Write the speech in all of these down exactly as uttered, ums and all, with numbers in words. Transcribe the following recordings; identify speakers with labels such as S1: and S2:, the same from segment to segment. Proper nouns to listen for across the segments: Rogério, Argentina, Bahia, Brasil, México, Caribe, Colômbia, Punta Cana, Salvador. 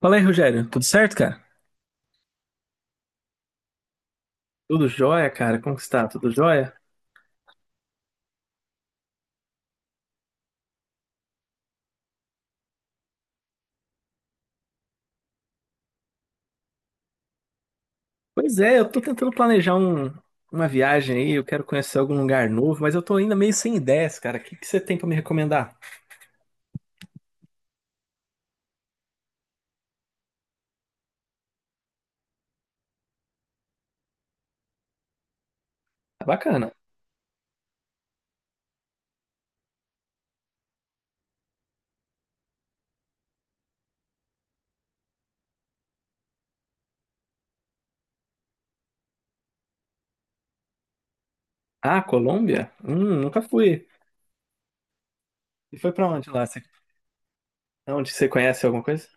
S1: Fala aí, Rogério. Tudo certo, cara? Tudo jóia, cara? Como que está? Tudo jóia? Pois é, eu tô tentando planejar um- uma viagem aí, eu quero conhecer algum lugar novo, mas eu tô ainda meio sem ideias, cara. O que que você tem pra me recomendar? Tá bacana. Ah, Colômbia? Hum, nunca fui. E foi pra onde lá? Você, onde você conhece alguma coisa?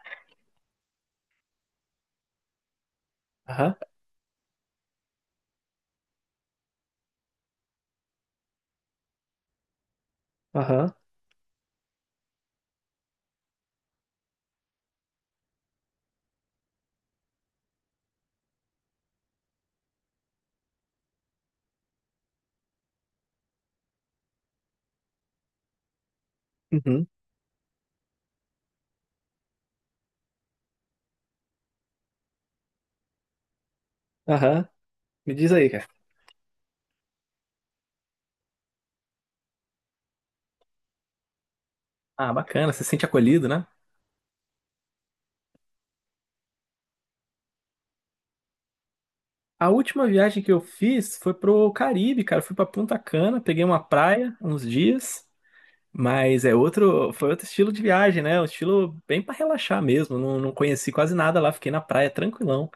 S1: Aham, aham, uhum, aham. Me diz aí, cara. Ah, bacana, você se sente acolhido, né? A última viagem que eu fiz foi pro Caribe, cara. Eu fui pra Punta Cana, peguei uma praia uns dias. Mas é outro, foi outro estilo de viagem, né? Um estilo bem para relaxar mesmo. Não, não conheci quase nada lá, fiquei na praia tranquilão.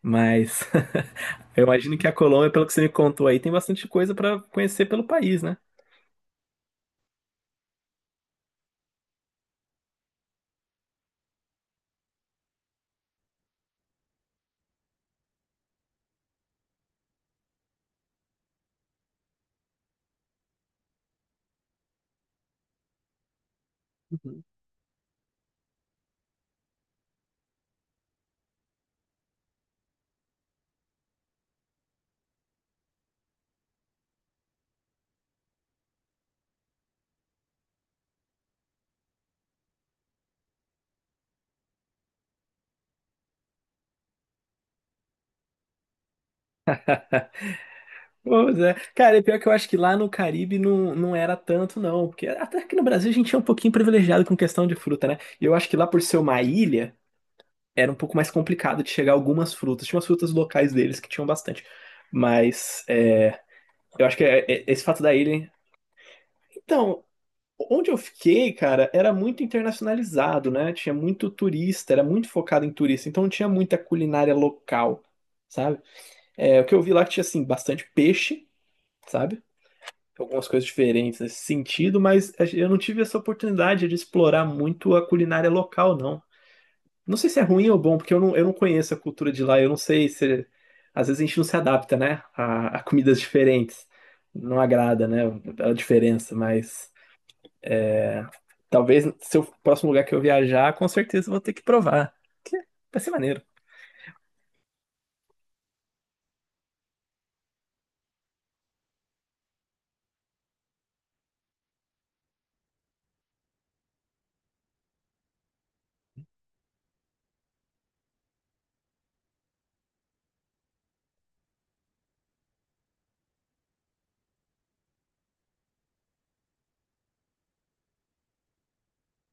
S1: Mas eu imagino que a Colômbia, pelo que você me contou aí, tem bastante coisa para conhecer pelo país, né? Uhum. Pois é. Cara, e pior que eu acho que lá no Caribe não, não era tanto, não. Porque até aqui no Brasil a gente é um pouquinho privilegiado com questão de fruta, né? E eu acho que lá por ser uma ilha, era um pouco mais complicado de chegar algumas frutas. Tinha umas frutas locais deles que tinham bastante. Mas é, eu acho que é- é- esse fato da ilha. Então, onde eu fiquei, cara, era muito internacionalizado, né? Tinha muito turista, era muito focado em turista, então não tinha muita culinária local, sabe? É, o que eu vi lá que tinha, assim, bastante peixe, sabe? Algumas coisas diferentes nesse sentido, mas a gen- eu não tive essa oportunidade de explorar muito a culinária local, não. Não sei se é ruim ou bom, porque eu não, eu não conheço a cultura de lá, eu não sei se. Às vezes a gente não se adapta, né? A, a comidas diferentes. Não agrada, né? A diferença, mas. É, talvez se o próximo lugar que eu viajar, com certeza eu vou ter que provar. Que vai ser maneiro.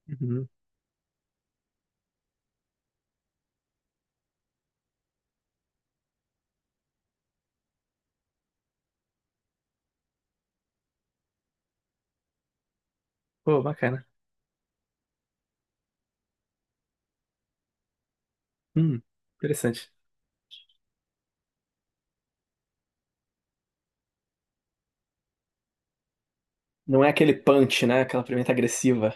S1: Uhum. Pô, bacana. Hum, interessante. Não é aquele punch, né? Aquela pimenta agressiva.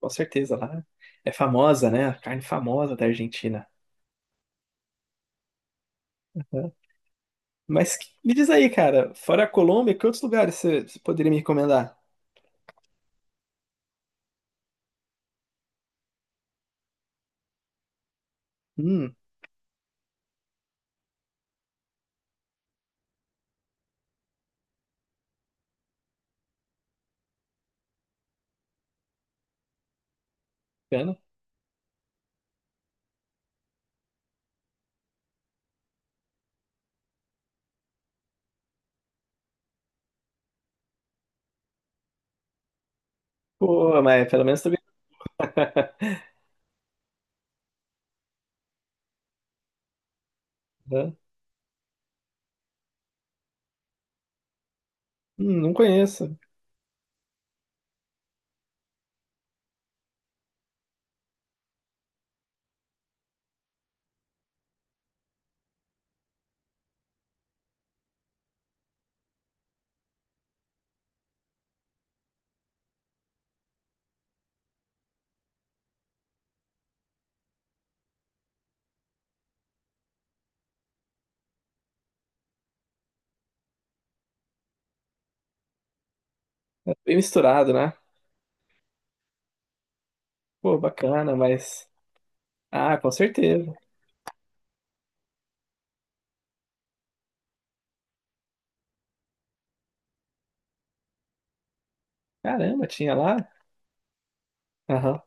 S1: Com certeza, lá é famosa, né? A carne famosa da Argentina. Né? Mas que- me diz aí, cara, fora a Colômbia, que outros lugares você você poderia me recomendar? Hum, bacana. Pô, mas pelo menos também. Hum, não conheço. É bem misturado, né? Pô, bacana, mas. Ah, com certeza. Caramba, tinha lá? Aham.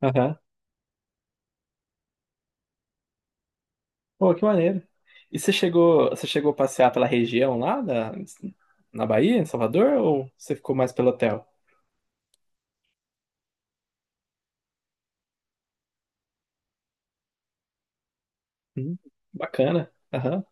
S1: Aham. Pô, que maneiro. E você chegou, você chegou a passear pela região lá da, na Bahia, em Salvador, ou você ficou mais pelo hotel? Hum, bacana. Aham.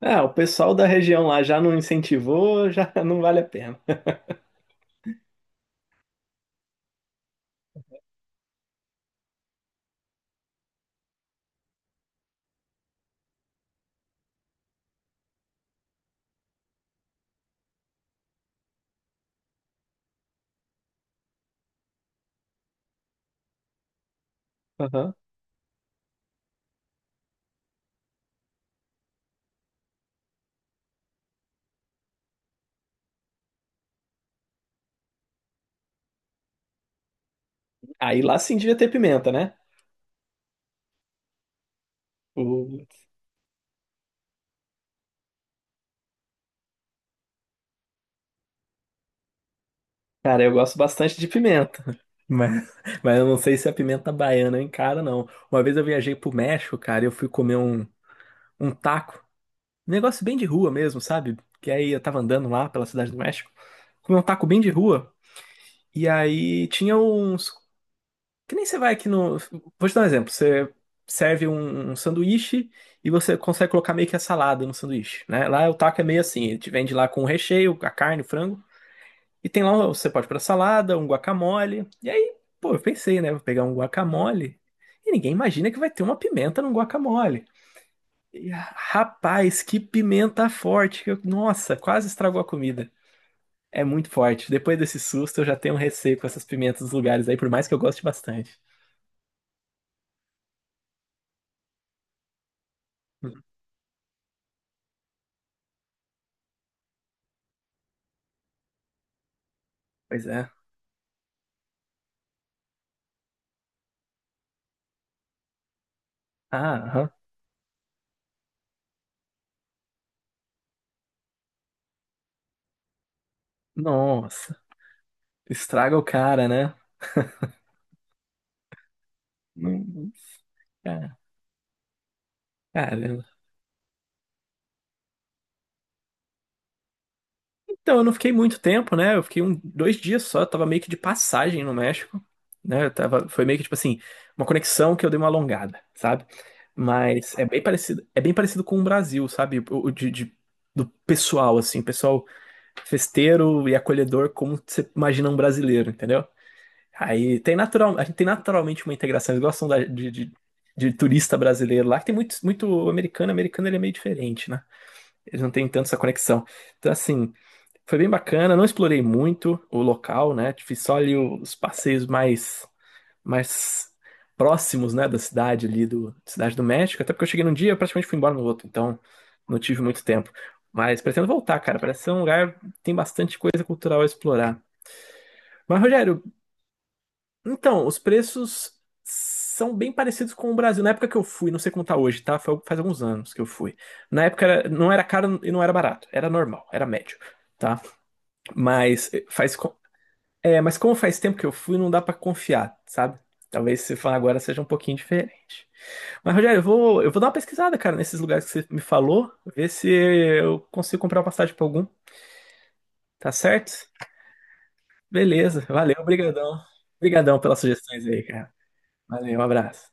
S1: É, o pessoal da região lá já não incentivou, já não vale a pena. Aham. Aí lá sim devia ter pimenta, né? O... Cara, eu gosto bastante de pimenta. Mas, mas eu não sei se a pimenta baiana eu encaro, não. Uma vez eu viajei pro México, cara, e eu fui comer um, um taco. Um negócio bem de rua mesmo, sabe? Que aí eu tava andando lá pela cidade do México. Comi um taco bem de rua. E aí tinha uns. Que nem você vai aqui no. Vou te dar um exemplo. Você serve um, um sanduíche e você consegue colocar meio que a salada no sanduíche, né? Lá o taco é meio assim. Ele te vende lá com o recheio, a carne, o frango. E tem lá, você pode pôr a salada, um guacamole. E aí, pô, eu pensei, né? Vou pegar um guacamole. E ninguém imagina que vai ter uma pimenta num guacamole. E, rapaz, que pimenta forte! que eu- Nossa, quase estragou a comida. É muito forte. Depois desse susto, eu já tenho um receio com essas pimentas dos lugares aí, por mais que eu goste bastante. Uhum. Pois é. Ah, aham. Nossa, estraga o cara, né? Não, cara. Então, eu não fiquei muito tempo, né? Eu fiquei um, dois dias só, eu tava meio que de passagem no México, né? Eu tava, foi meio que tipo assim, uma conexão que eu dei uma alongada, sabe? Mas é bem parecido, é bem parecido com o Brasil, sabe? O, o de, de- do pessoal, assim, pessoal festeiro e acolhedor, como você imagina um brasileiro, entendeu? Aí tem natural, a gente tem naturalmente uma integração, eles gostam da- de, de, de turista brasileiro lá, que tem muito, muito americano, americano ele é meio diferente, né? Eles não têm tanto essa conexão. Então, assim. Foi bem bacana, não explorei muito o local, né? Fiz só ali os passeios mais, mais próximos, né, da cidade ali do Cidade do México, até porque eu cheguei num dia e praticamente fui embora no outro, então não tive muito tempo. Mas pretendo voltar, cara. Parece ser um lugar que tem bastante coisa cultural a explorar. Mas, Rogério, então, os preços são bem parecidos com o Brasil. Na época que eu fui, não sei como tá hoje, tá? Foi- faz alguns anos que eu fui. Na época era- não era caro e não era barato, era normal, era médio, tá? Mas eh, faz, é, mas como faz tempo que eu fui, não dá pra confiar, sabe? Talvez se falar agora seja um pouquinho diferente. Mas, Rogério, eu vou, eu vou dar uma pesquisada, cara, nesses lugares que você me falou, ver se eu consigo comprar uma passagem pra algum, tá certo? Beleza, valeu, obrigadão. Obrigadão pelas sugestões aí, cara. Valeu, um abraço.